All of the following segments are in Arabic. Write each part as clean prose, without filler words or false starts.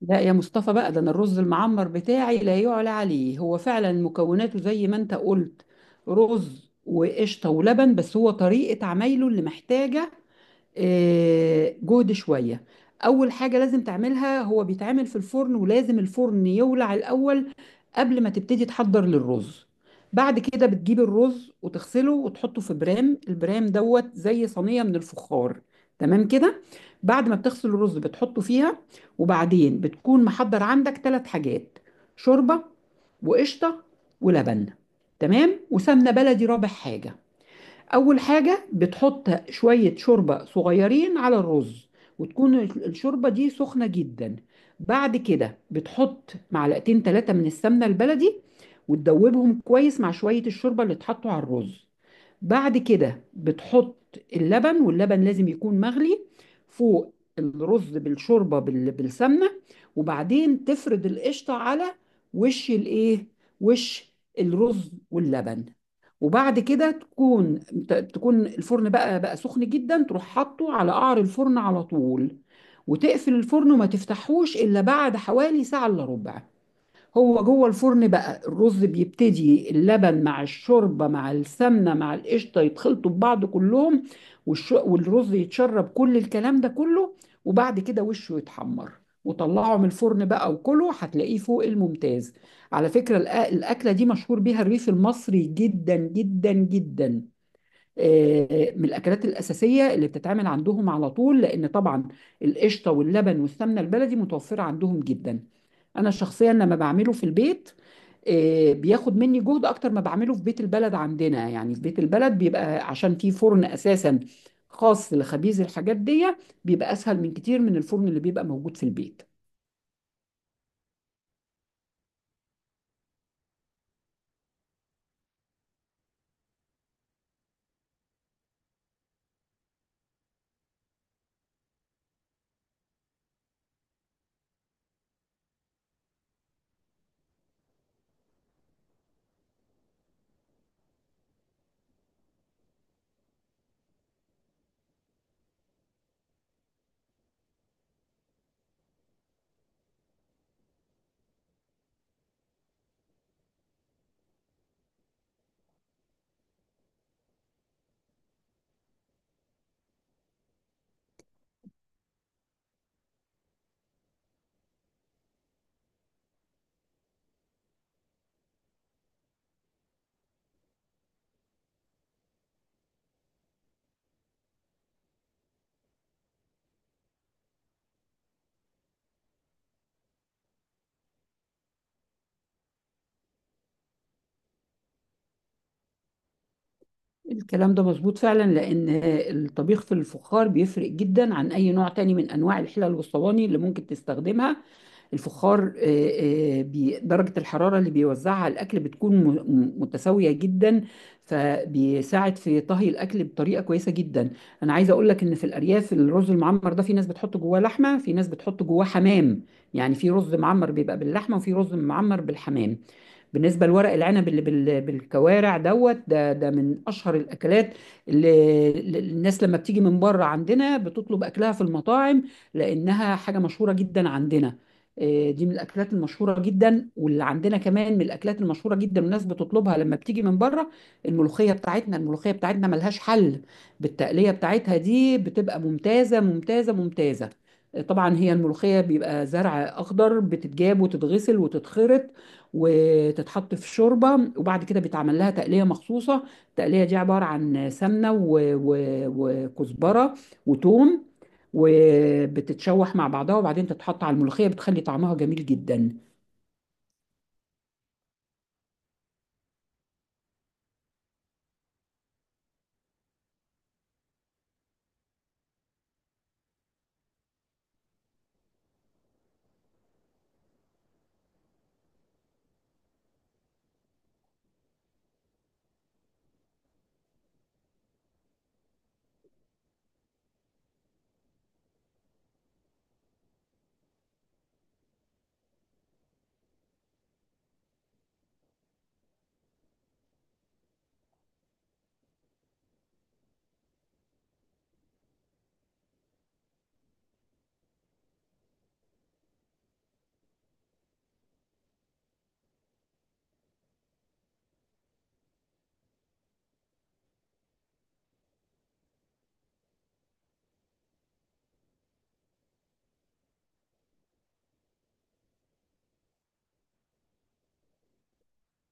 لا يا مصطفى بقى، ده انا الرز المعمر بتاعي لا يعلى عليه. هو فعلا مكوناته زي ما انت قلت، رز وقشطه ولبن، بس هو طريقه عمايله اللي محتاجه جهد شوية. أول حاجة لازم تعملها، هو بيتعمل في الفرن ولازم الفرن يولع الأول قبل ما تبتدي تحضر للرز. بعد كده بتجيب الرز وتغسله وتحطه في برام. البرام دوت زي صينية من الفخار، تمام كده. بعد ما بتغسل الرز بتحطه فيها، وبعدين بتكون محضر عندك ثلاث حاجات: شوربة، وقشطة، ولبن، تمام، وسمنة بلدي رابع حاجة. أول حاجة بتحط شوية شوربة صغيرين على الرز، وتكون الشوربة دي سخنة جدا. بعد كده بتحط معلقتين ثلاثة من السمنة البلدي وتدوبهم كويس مع شوية الشوربة اللي اتحطوا على الرز. بعد كده بتحط اللبن، واللبن لازم يكون مغلي، فوق الرز بالشوربه بالسمنه. وبعدين تفرد القشطه على وش الايه وش الرز واللبن. وبعد كده تكون الفرن بقى سخن جدا، تروح حاطه على قعر الفرن على طول وتقفل الفرن وما تفتحوش الا بعد حوالي ساعه الا ربع. هو جوه الفرن بقى الرز بيبتدي، اللبن مع الشوربه مع السمنه مع القشطه يتخلطوا ببعض كلهم، والرز يتشرب كل الكلام ده كله. وبعد كده وشه يتحمر، وطلعه من الفرن بقى وكله هتلاقيه فوق الممتاز. على فكرة، الأكلة دي مشهور بيها الريف المصري جدا جدا جدا. من الاكلات الاساسيه اللي بتتعمل عندهم على طول، لان طبعا القشطه واللبن والسمنه البلدي متوفره عندهم جدا. انا شخصيا لما بعمله في البيت، بياخد مني جهد اكتر ما بعمله في بيت البلد عندنا. يعني في بيت البلد بيبقى عشان في فرن اساسا خاص لخبيز الحاجات دي، بيبقى اسهل من كتير من الفرن اللي بيبقى موجود في البيت. الكلام ده مظبوط فعلا، لان الطبيخ في الفخار بيفرق جدا عن اي نوع تاني من انواع الحلل والصواني اللي ممكن تستخدمها. الفخار درجة الحرارة اللي بيوزعها على الأكل بتكون متساوية جدا، فبيساعد في طهي الأكل بطريقة كويسة جدا. أنا عايزة أقول لك إن في الأرياف الرز المعمر ده في ناس بتحط جواه لحمة، في ناس بتحط جواه حمام. يعني في رز معمر بيبقى باللحمة، وفي رز معمر بالحمام. بالنسبه لورق العنب اللي بالكوارع دوت، ده من اشهر الاكلات اللي الناس لما بتيجي من بره عندنا بتطلب اكلها في المطاعم، لانها حاجه مشهوره جدا عندنا. إيه، دي من الاكلات المشهوره جدا. واللي عندنا كمان من الاكلات المشهوره جدا والناس بتطلبها لما بتيجي من بره، الملوخيه بتاعتنا ملهاش حل، بالتقليه بتاعتها دي بتبقى ممتازه ممتازه ممتازه. طبعا هي الملوخيه بيبقى زرع اخضر بتتجاب وتتغسل وتتخرط وتتحط في شوربه، وبعد كده بيتعمل لها تقليه مخصوصه. التقليه دي عباره عن سمنه وكزبره وتوم، وبتتشوح مع بعضها وبعدين تتحط على الملوخيه، بتخلي طعمها جميل جدا.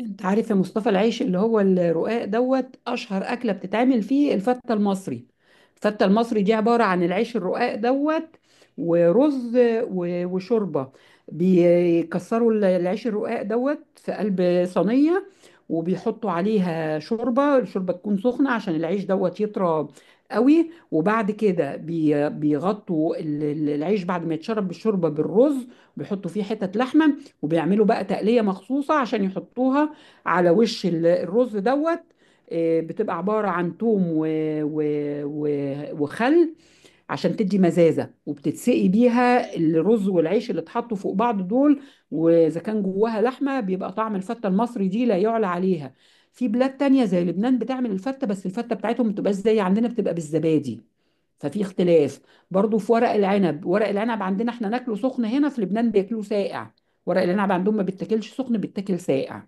انت عارف يا مصطفى، العيش اللي هو الرقاق دوت اشهر اكله بتتعمل فيه الفته المصري. الفته المصري دي عباره عن العيش الرقاق دوت، ورز، وشوربه. بيكسروا العيش الرقاق دوت في قلب صينيه، وبيحطوا عليها شوربه. الشوربه تكون سخنه عشان العيش دوت يطرى قوي. وبعد كده بيغطوا العيش بعد ما يتشرب بالشوربه بالرز، بيحطوا فيه حتت لحمه، وبيعملوا بقى تقليه مخصوصه عشان يحطوها على وش الرز دوت. بتبقى عبارة عن توم و... و... و... وخل، عشان تدي مزازة، وبتتسقي بيها الرز والعيش اللي اتحطوا فوق بعض دول. وإذا كان جواها لحمة بيبقى طعم الفتة المصري دي لا يعلى عليها. في بلاد تانية زي لبنان بتعمل الفتة، بس الفتة بتاعتهم ما بتبقاش زي عندنا، بتبقى بالزبادي، ففي اختلاف. برضو في ورق العنب عندنا احنا ناكله سخن. هنا في لبنان بياكلوه ساقع، ورق العنب عندهم ما بيتاكلش سخن، بيتاكل ساقع.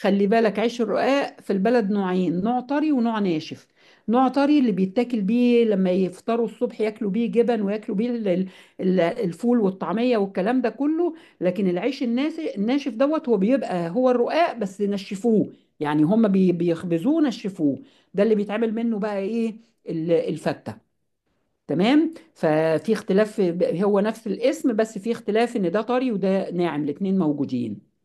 خلي بالك عيش الرقاق في البلد نوعين: نوع طري ونوع ناشف. نوع طري اللي بيتاكل بيه لما يفطروا الصبح، ياكلوا بيه جبن وياكلوا بيه الفول والطعمية والكلام ده كله. لكن العيش الناشف دوت هو بيبقى هو الرقاق بس نشفوه، يعني هم بيخبزوه نشفوه. ده اللي بيتعمل منه بقى ايه؟ الفتة. تمام، ففي اختلاف. هو نفس الاسم بس في اختلاف ان ده طري وده ناعم، الاتنين موجودين.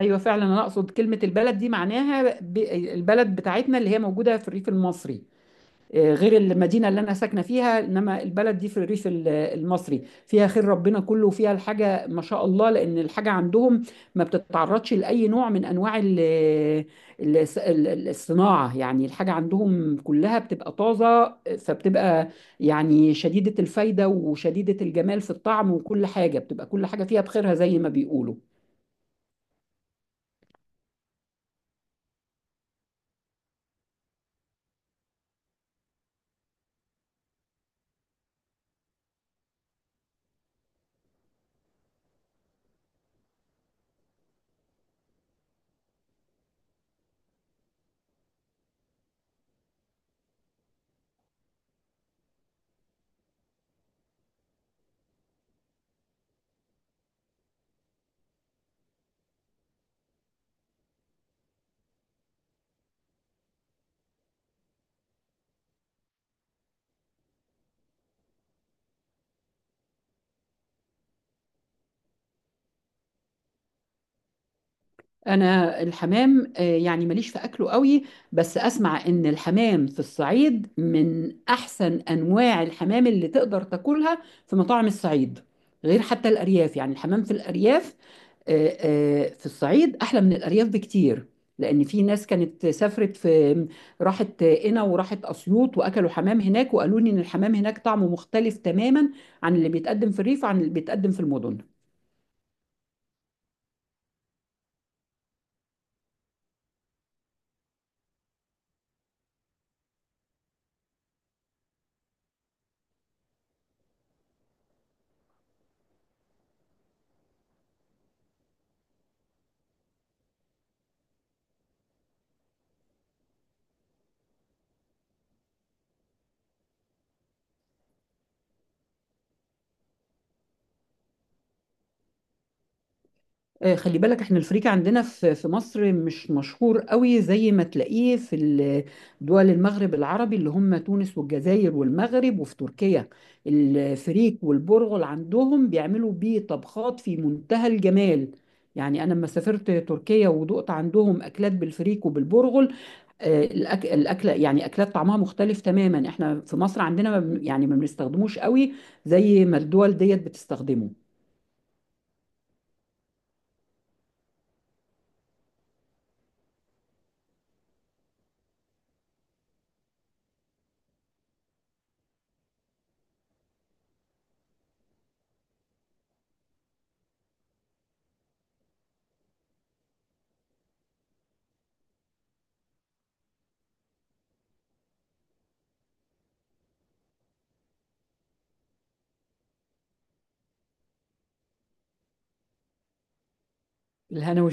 ايوه فعلا، انا اقصد كلمه البلد دي معناها البلد بتاعتنا اللي هي موجوده في الريف المصري، غير المدينه اللي انا ساكنه فيها، انما البلد دي في الريف المصري. فيها خير ربنا كله، وفيها الحاجه ما شاء الله، لان الحاجه عندهم ما بتتعرضش لاي نوع من انواع الصناعه. يعني الحاجه عندهم كلها بتبقى طازه، فبتبقى يعني شديده الفايده وشديده الجمال في الطعم، وكل حاجه بتبقى كل حاجه فيها بخيرها زي ما بيقولوا. انا الحمام يعني ماليش في اكله قوي، بس اسمع ان الحمام في الصعيد من احسن انواع الحمام اللي تقدر تاكلها في مطاعم الصعيد، غير حتى الارياف. يعني الحمام في الارياف، في الصعيد احلى من الارياف بكتير، لان في ناس كانت سافرت راحت قنا وراحت اسيوط واكلوا حمام هناك، وقالوا لي ان الحمام هناك طعمه مختلف تماما عن اللي بيتقدم في الريف وعن اللي بيتقدم في المدن. خلي بالك احنا الفريكة عندنا في مصر مش مشهور قوي زي ما تلاقيه في دول المغرب العربي اللي هم تونس والجزائر والمغرب، وفي تركيا الفريك والبرغل عندهم بيعملوا بيه طبخات في منتهى الجمال. يعني انا لما سافرت تركيا ودقت عندهم اكلات بالفريك وبالبرغل، الأكلة يعني أكلات طعمها مختلف تماما. احنا في مصر عندنا ما بن- يعني ما بنستخدموش قوي زي ما الدول ديت بتستخدمه. الهنا.